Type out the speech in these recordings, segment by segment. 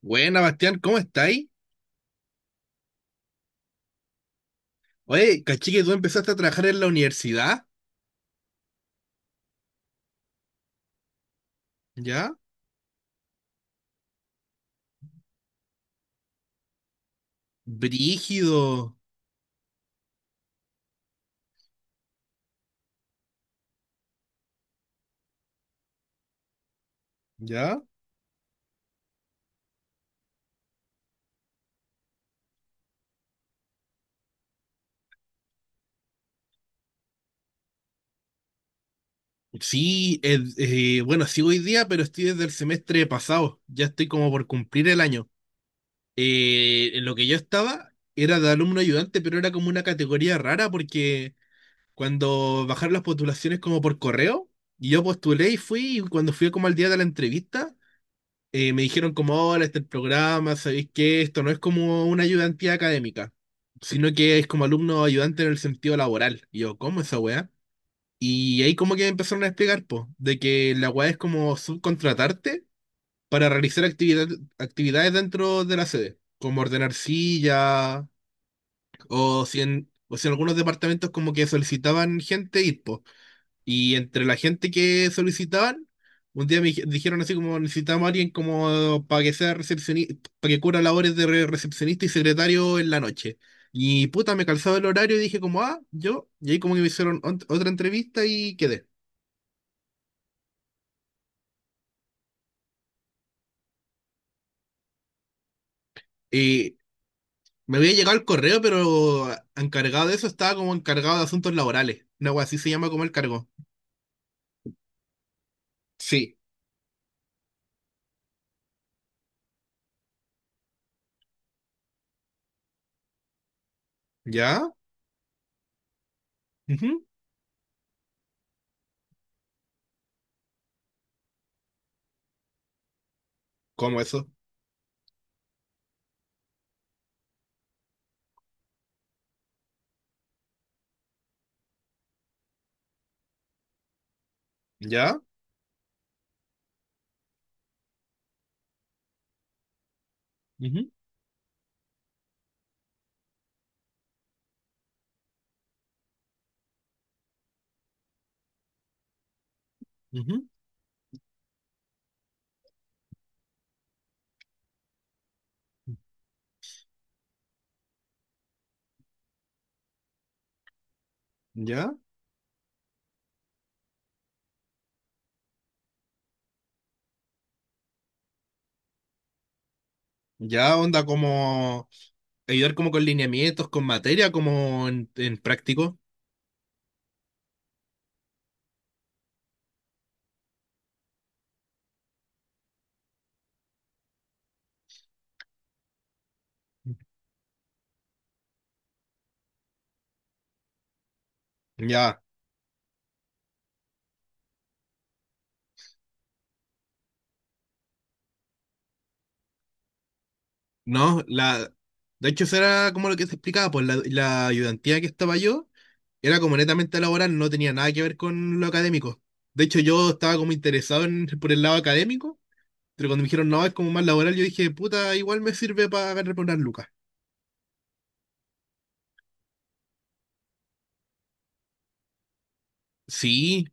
Buena, Bastián, ¿cómo estáis? Oye, caché que tú empezaste a trabajar en la universidad, ¿ya? Brígido, ¿ya? Sí, bueno, sigo hoy día, pero estoy desde el semestre pasado. Ya estoy como por cumplir el año. En lo que yo estaba era de alumno ayudante, pero era como una categoría rara porque cuando bajaron las postulaciones como por correo, y yo postulé y fui, y cuando fui como al día de la entrevista, me dijeron como, ahora este es el programa, sabéis que esto no es como una ayudantía académica, sino que es como alumno ayudante en el sentido laboral. Y yo, ¿cómo esa weá? Y ahí como que me empezaron a explicar, po, de que la weá es como subcontratarte para realizar actividades dentro de la sede, como ordenar sillas, o si en algunos departamentos como que solicitaban gente ir, po. Y entre la gente que solicitaban, un día me dijeron así como necesitamos a alguien como para que sea recepcionista, para que cubra labores de recepcionista y secretario en la noche. Y puta, me calzaba el horario y dije como, ah, yo, y ahí como que me hicieron otra entrevista y quedé. Y me había llegado el correo, pero encargado de eso estaba como encargado de asuntos laborales. Una wea así se llama como el cargo. Sí. ¿Ya? Ujú. ¿Cómo eso? ¿Ya? Ujú, ujú. ¿Ya? Ya onda como ayudar como con lineamientos, con materia, como en práctico. Ya, no, la de hecho eso era como lo que te explicaba, pues la ayudantía que estaba yo era como netamente laboral, no tenía nada que ver con lo académico. De hecho yo estaba como interesado por el lado académico, pero cuando me dijeron no, es como más laboral, yo dije, puta, igual me sirve para agarrar por unas lucas. Sí,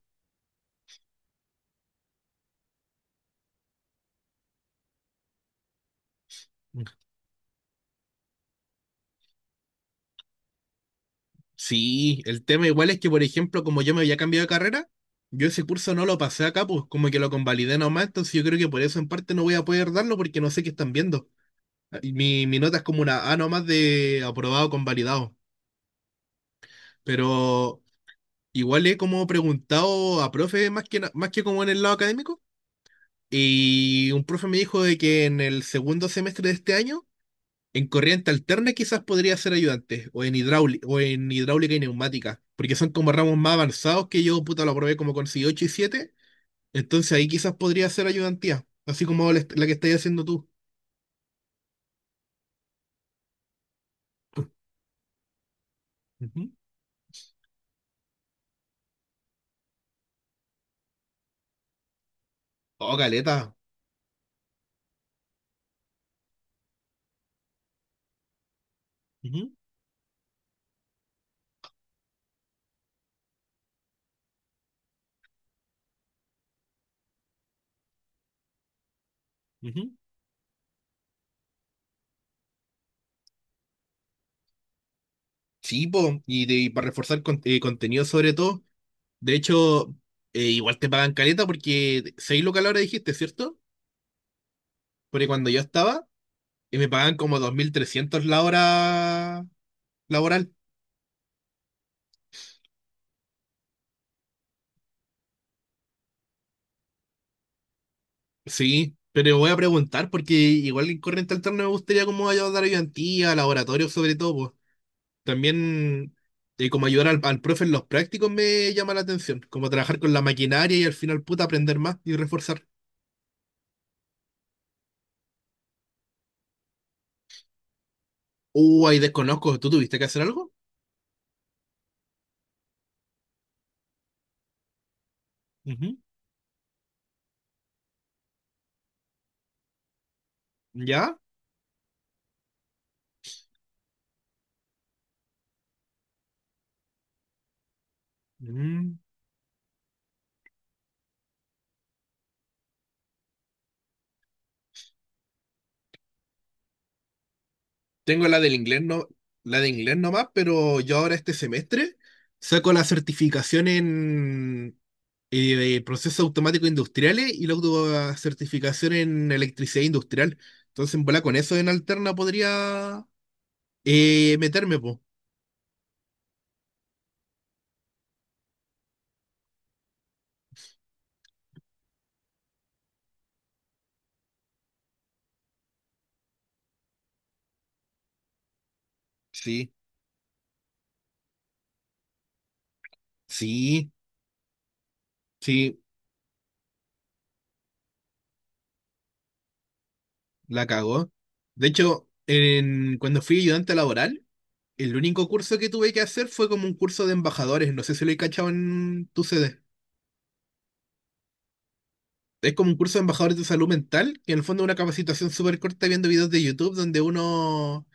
sí, el tema igual es que, por ejemplo, como yo me había cambiado de carrera, yo ese curso no lo pasé acá, pues como que lo convalidé nomás, entonces yo creo que por eso en parte no voy a poder darlo porque no sé qué están viendo. Ah, y mi nota es como una A nomás de aprobado convalidado, pero igual he como preguntado a profe más que como en el lado académico y un profe me dijo de que en el segundo semestre de este año en corriente alterna quizás podría ser ayudante, o en hidráulica y neumática, porque son como ramos más avanzados que yo, puta, lo probé como con 8 y 7, entonces ahí quizás podría ser ayudantía, así como la, la que estás haciendo tú. Ujú. Oh, caleta. Ujú, ujú. Sí, po, y, y para reforzar contenido sobre todo, de hecho, igual te pagan caleta porque 6 lucas la hora dijiste, ¿cierto? Porque cuando yo estaba, me pagan como 2.300 la hora laboral. Sí, pero voy a preguntar porque igual en corriente alterna me gustaría como ayudar a ayudantía, laboratorio sobre todo, pues. También como ayudar al profe en los prácticos me llama la atención, como trabajar con la maquinaria y al final puta aprender más y reforzar. Ahí desconozco, ¿tú tuviste que hacer algo? Ujú. ¿Ya? Mm. Tengo la del inglés no, la de inglés nomás, pero yo ahora este semestre saco la certificación en procesos automáticos industriales y la autocertificación en electricidad industrial. Entonces, en bola, con eso en alterna podría meterme, po. Sí, sí, sí, la cagó. De hecho, cuando fui ayudante laboral, el único curso que tuve que hacer fue como un curso de embajadores. No sé si lo he cachado en tu CD. Es como un curso de embajadores de salud mental, que en el fondo es una capacitación súper corta viendo videos de YouTube donde uno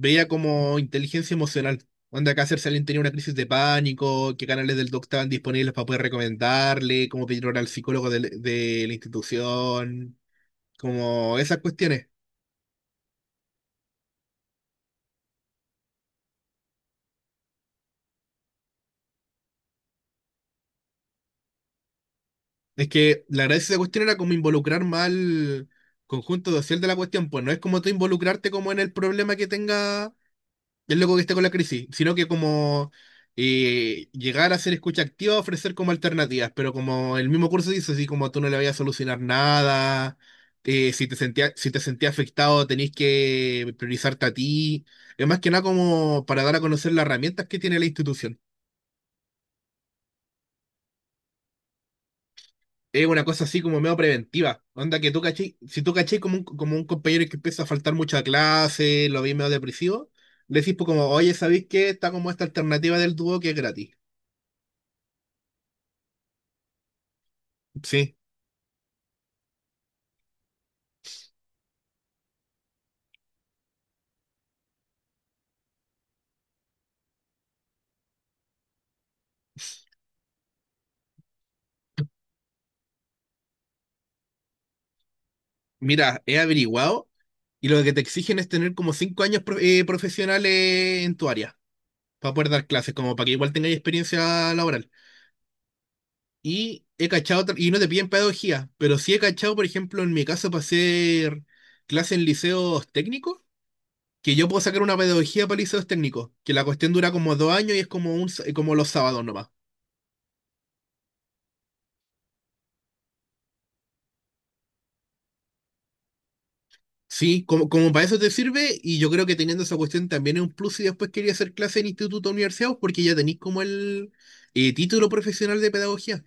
veía como inteligencia emocional. Onda, acá hacerse alguien tenía una crisis de pánico, qué canales del doc estaban disponibles para poder recomendarle, cómo pedir hora al psicólogo de la institución, como esas cuestiones. Es que la gracia de esa cuestión era como involucrar más al conjunto social de la cuestión, pues no es como tú involucrarte como en el problema que tenga el loco que esté con la crisis, sino que como llegar a ser escucha activa, ofrecer como alternativas, pero como el mismo curso dice, así como tú no le vayas a solucionar nada, si te sentías afectado tenés que priorizarte a ti, es más que nada como para dar a conocer las herramientas que tiene la institución. Es una cosa así como medio preventiva. Onda que tú cachai, si tú cachai como un compañero que empieza a faltar mucha clase, lo vi medio depresivo, le decís pues como, oye, ¿sabéis qué? Está como esta alternativa del dúo que es gratis. Sí. Mira, he averiguado y lo que te exigen es tener como 5 años profesionales en tu área para poder dar clases, como para que igual tengáis experiencia laboral. Y he cachado, y no te piden pedagogía, pero sí he cachado, por ejemplo, en mi caso para hacer clases en liceos técnicos, que yo puedo sacar una pedagogía para liceos técnicos, que la cuestión dura como 2 años y es como, como los sábados nomás. Sí, como para eso te sirve, y yo creo que teniendo esa cuestión también es un plus si después quería hacer clase en instituto o universidad, porque ya tenéis como el título profesional de pedagogía.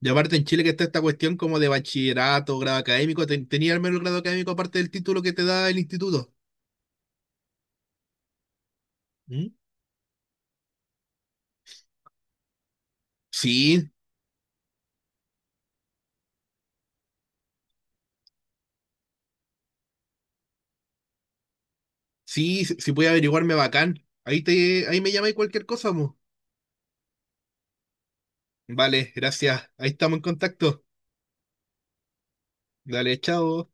Y aparte en Chile que está esta cuestión como de bachillerato, grado académico, tenía al menos el grado académico aparte del título que te da el instituto. ¿Mm? Sí, sí, si, si puede averiguarme bacán. Ahí me llamáis cualquier cosa, mo. Vale, gracias. Ahí estamos en contacto. Dale, chao.